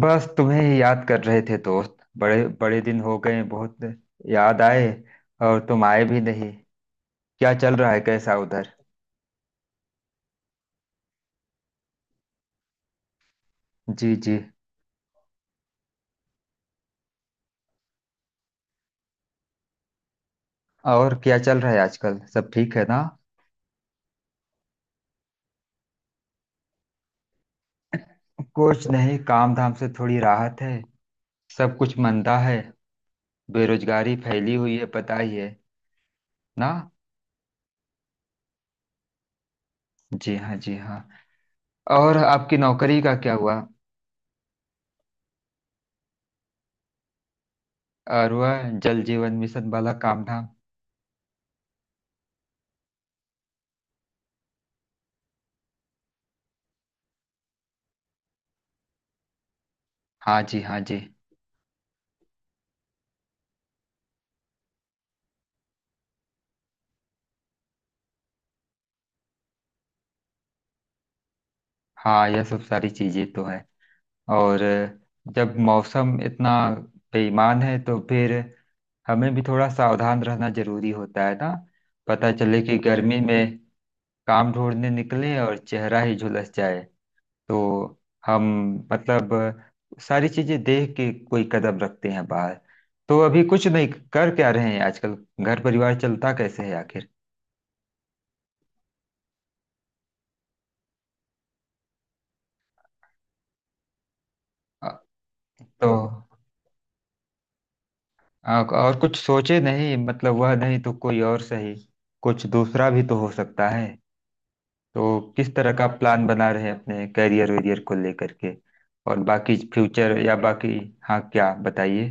बस तुम्हें ही याद कर रहे थे दोस्त। बड़े बड़े दिन हो गए, बहुत याद आए, और तुम आए भी नहीं। क्या चल रहा है, कैसा उधर? जी जी। और क्या चल रहा है आजकल, सब ठीक है ना? कुछ नहीं, काम धाम से थोड़ी राहत है। सब कुछ मंदा है। बेरोजगारी फैली हुई है, पता ही है ना। जी हाँ, जी हाँ। और आपकी नौकरी का क्या हुआ? और वह जल जीवन मिशन वाला काम धाम? हाँ जी, हाँ जी। हाँ, यह सब सारी चीजें तो है। और जब मौसम इतना बेईमान है तो फिर हमें भी थोड़ा सावधान रहना जरूरी होता है ना। पता चले कि गर्मी में काम ढूंढने निकले और चेहरा ही झुलस जाए। तो हम, मतलब, सारी चीजें देख के कोई कदम रखते हैं बाहर। तो अभी कुछ नहीं, कर क्या रहे हैं आजकल? घर परिवार चलता कैसे है आखिर? अ, तो और कुछ सोचे नहीं, मतलब वह नहीं तो कोई और सही। कुछ दूसरा भी तो हो सकता है। तो किस तरह का प्लान बना रहे हैं अपने करियर वेरियर को लेकर के, और बाकी फ्यूचर या बाकी? हाँ, क्या बताइए।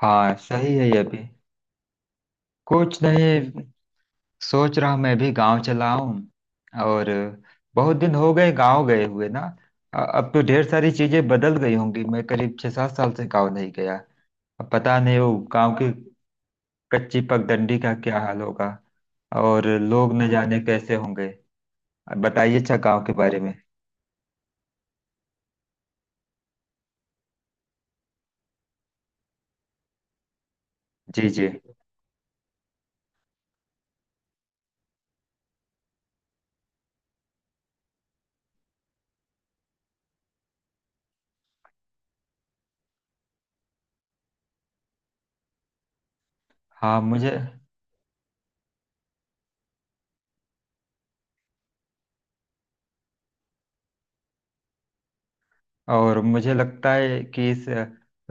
हाँ, सही है ये भी। कुछ नहीं, सोच रहा हूँ मैं भी गांव चला हूँ। और बहुत दिन हो गए गांव गए हुए ना। अब तो ढेर सारी चीजें बदल गई होंगी। मैं करीब 6 7 साल से गांव नहीं गया। अब पता नहीं वो गांव की कच्ची पगडंडी का क्या हाल होगा, और लोग न जाने कैसे होंगे। अब बताइए अच्छा गांव के बारे में। जी जी। हाँ मुझे। और मुझे लगता है कि इस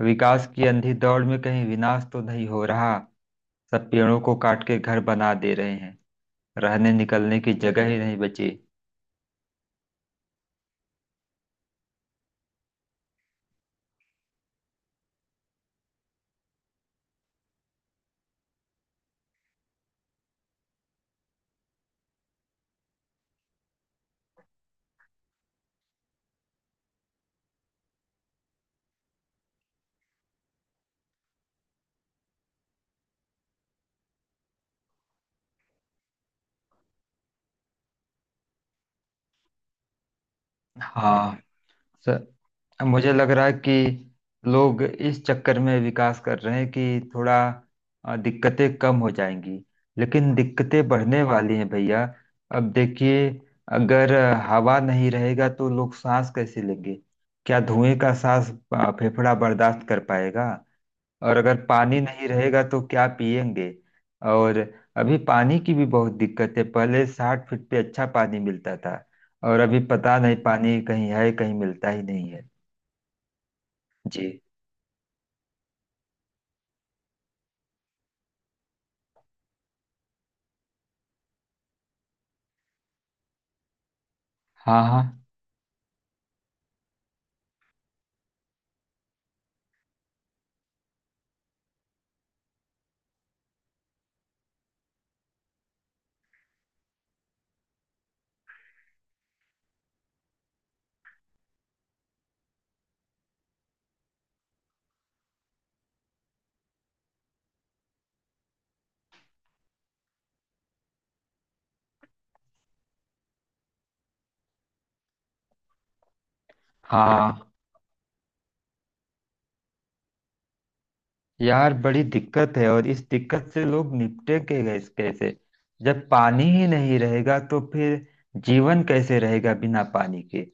विकास की अंधी दौड़ में कहीं विनाश तो नहीं हो रहा। सब पेड़ों को काट के घर बना दे रहे हैं। रहने निकलने की जगह ही नहीं बची। हाँ। सर, अब मुझे लग रहा है कि लोग इस चक्कर में विकास कर रहे हैं कि थोड़ा दिक्कतें कम हो जाएंगी, लेकिन दिक्कतें बढ़ने वाली हैं भैया। अब देखिए, अगर हवा नहीं रहेगा तो लोग सांस कैसे लेंगे? क्या धुएं का सांस फेफड़ा बर्दाश्त कर पाएगा? और अगर पानी नहीं रहेगा तो क्या पिएंगे? और अभी पानी की भी बहुत दिक्कत है। पहले 60 फीट पे अच्छा पानी मिलता था, और अभी पता नहीं पानी कहीं है, कहीं मिलता ही नहीं है। जी। हाँ हाँ हाँ। यार बड़ी दिक्कत है, और इस दिक्कत से लोग निपटेंगे गैस कैसे? जब पानी ही नहीं रहेगा तो फिर जीवन कैसे रहेगा बिना पानी के?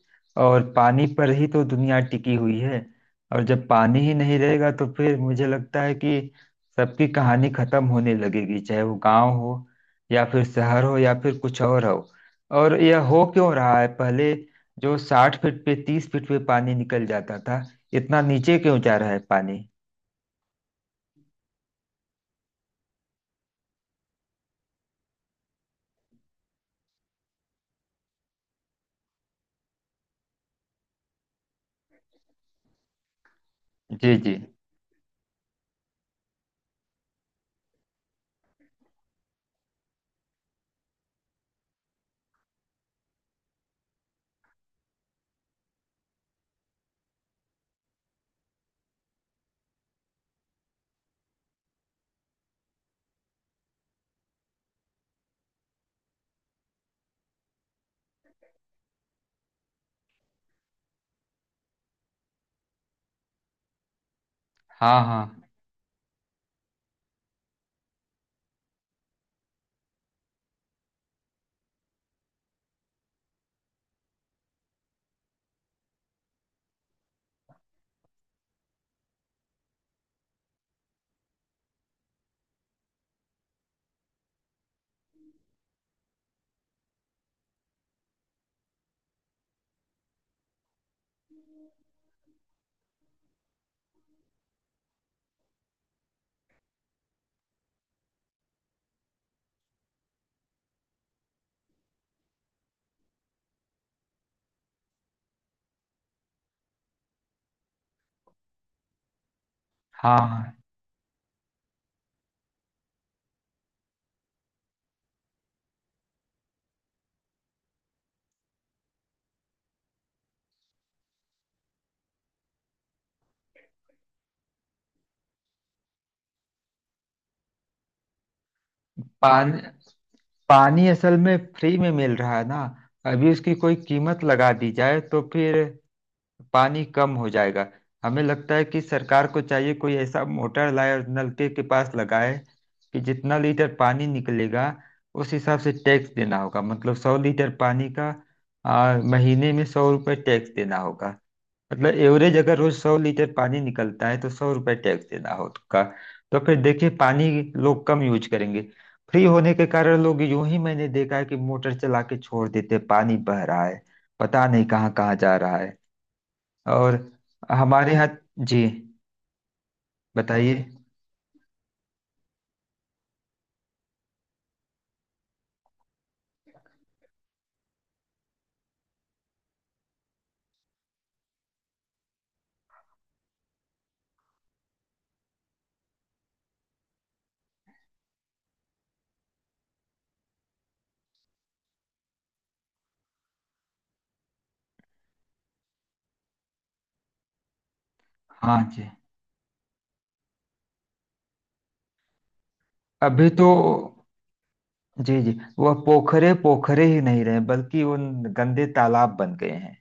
और पानी पर ही तो दुनिया टिकी हुई है। और जब पानी ही नहीं रहेगा तो फिर मुझे लगता है कि सबकी कहानी खत्म होने लगेगी, चाहे वो गांव हो या फिर शहर हो या फिर कुछ और हो। और यह हो क्यों रहा है? पहले जो 60 फीट पे, 30 फीट पे पानी निकल जाता था, इतना नीचे क्यों जा रहा है पानी? जी जी। हाँ हाँ हाँ। पानी, पानी असल में फ्री में मिल रहा है ना। अभी उसकी कोई कीमत लगा दी जाए तो फिर पानी कम हो जाएगा। हमें लगता है कि सरकार को चाहिए कोई ऐसा मोटर लाए और नलके के पास लगाए कि जितना लीटर पानी निकलेगा, उस हिसाब से टैक्स देना होगा। मतलब 100 लीटर पानी का महीने में 100 रुपये टैक्स देना होगा। मतलब एवरेज अगर रोज 100 लीटर पानी निकलता है तो 100 रुपए टैक्स देना होगा। तो फिर देखिए, पानी लोग कम यूज करेंगे। फ्री होने के कारण लोग यूं ही, मैंने देखा है कि मोटर चला के छोड़ देते हैं, पानी बह रहा है, पता नहीं कहाँ कहाँ जा रहा है। और हमारे यहाँ। जी बताइए। हाँ जी। अभी तो। जी जी। वह पोखरे पोखरे ही नहीं रहे, बल्कि उन गंदे तालाब बन गए हैं।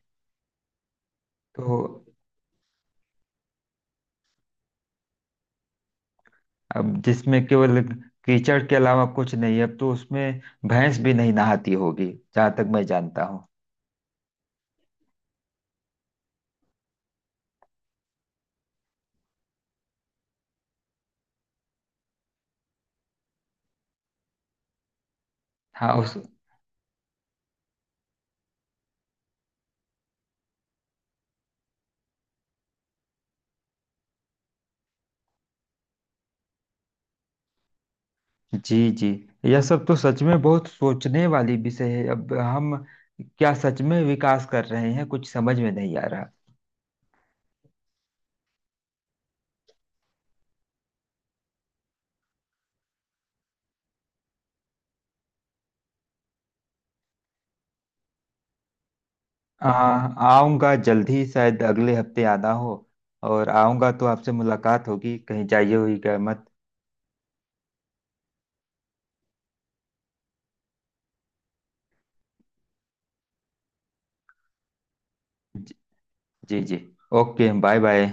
तो अब जिसमें केवल कीचड़ के अलावा कुछ नहीं है, अब तो उसमें भैंस भी नहीं नहाती होगी, जहां तक मैं जानता हूँ। हाँ उस। जी जी। यह सब तो सच में बहुत सोचने वाली विषय है। अब हम क्या सच में विकास कर रहे हैं, कुछ समझ में नहीं आ रहा। आ, आऊंगा जल्दी, शायद अगले हफ्ते आना हो। और आऊंगा तो आपसे मुलाकात होगी, कहीं जाइए हुई मत। जी जी। Okay, bye bye.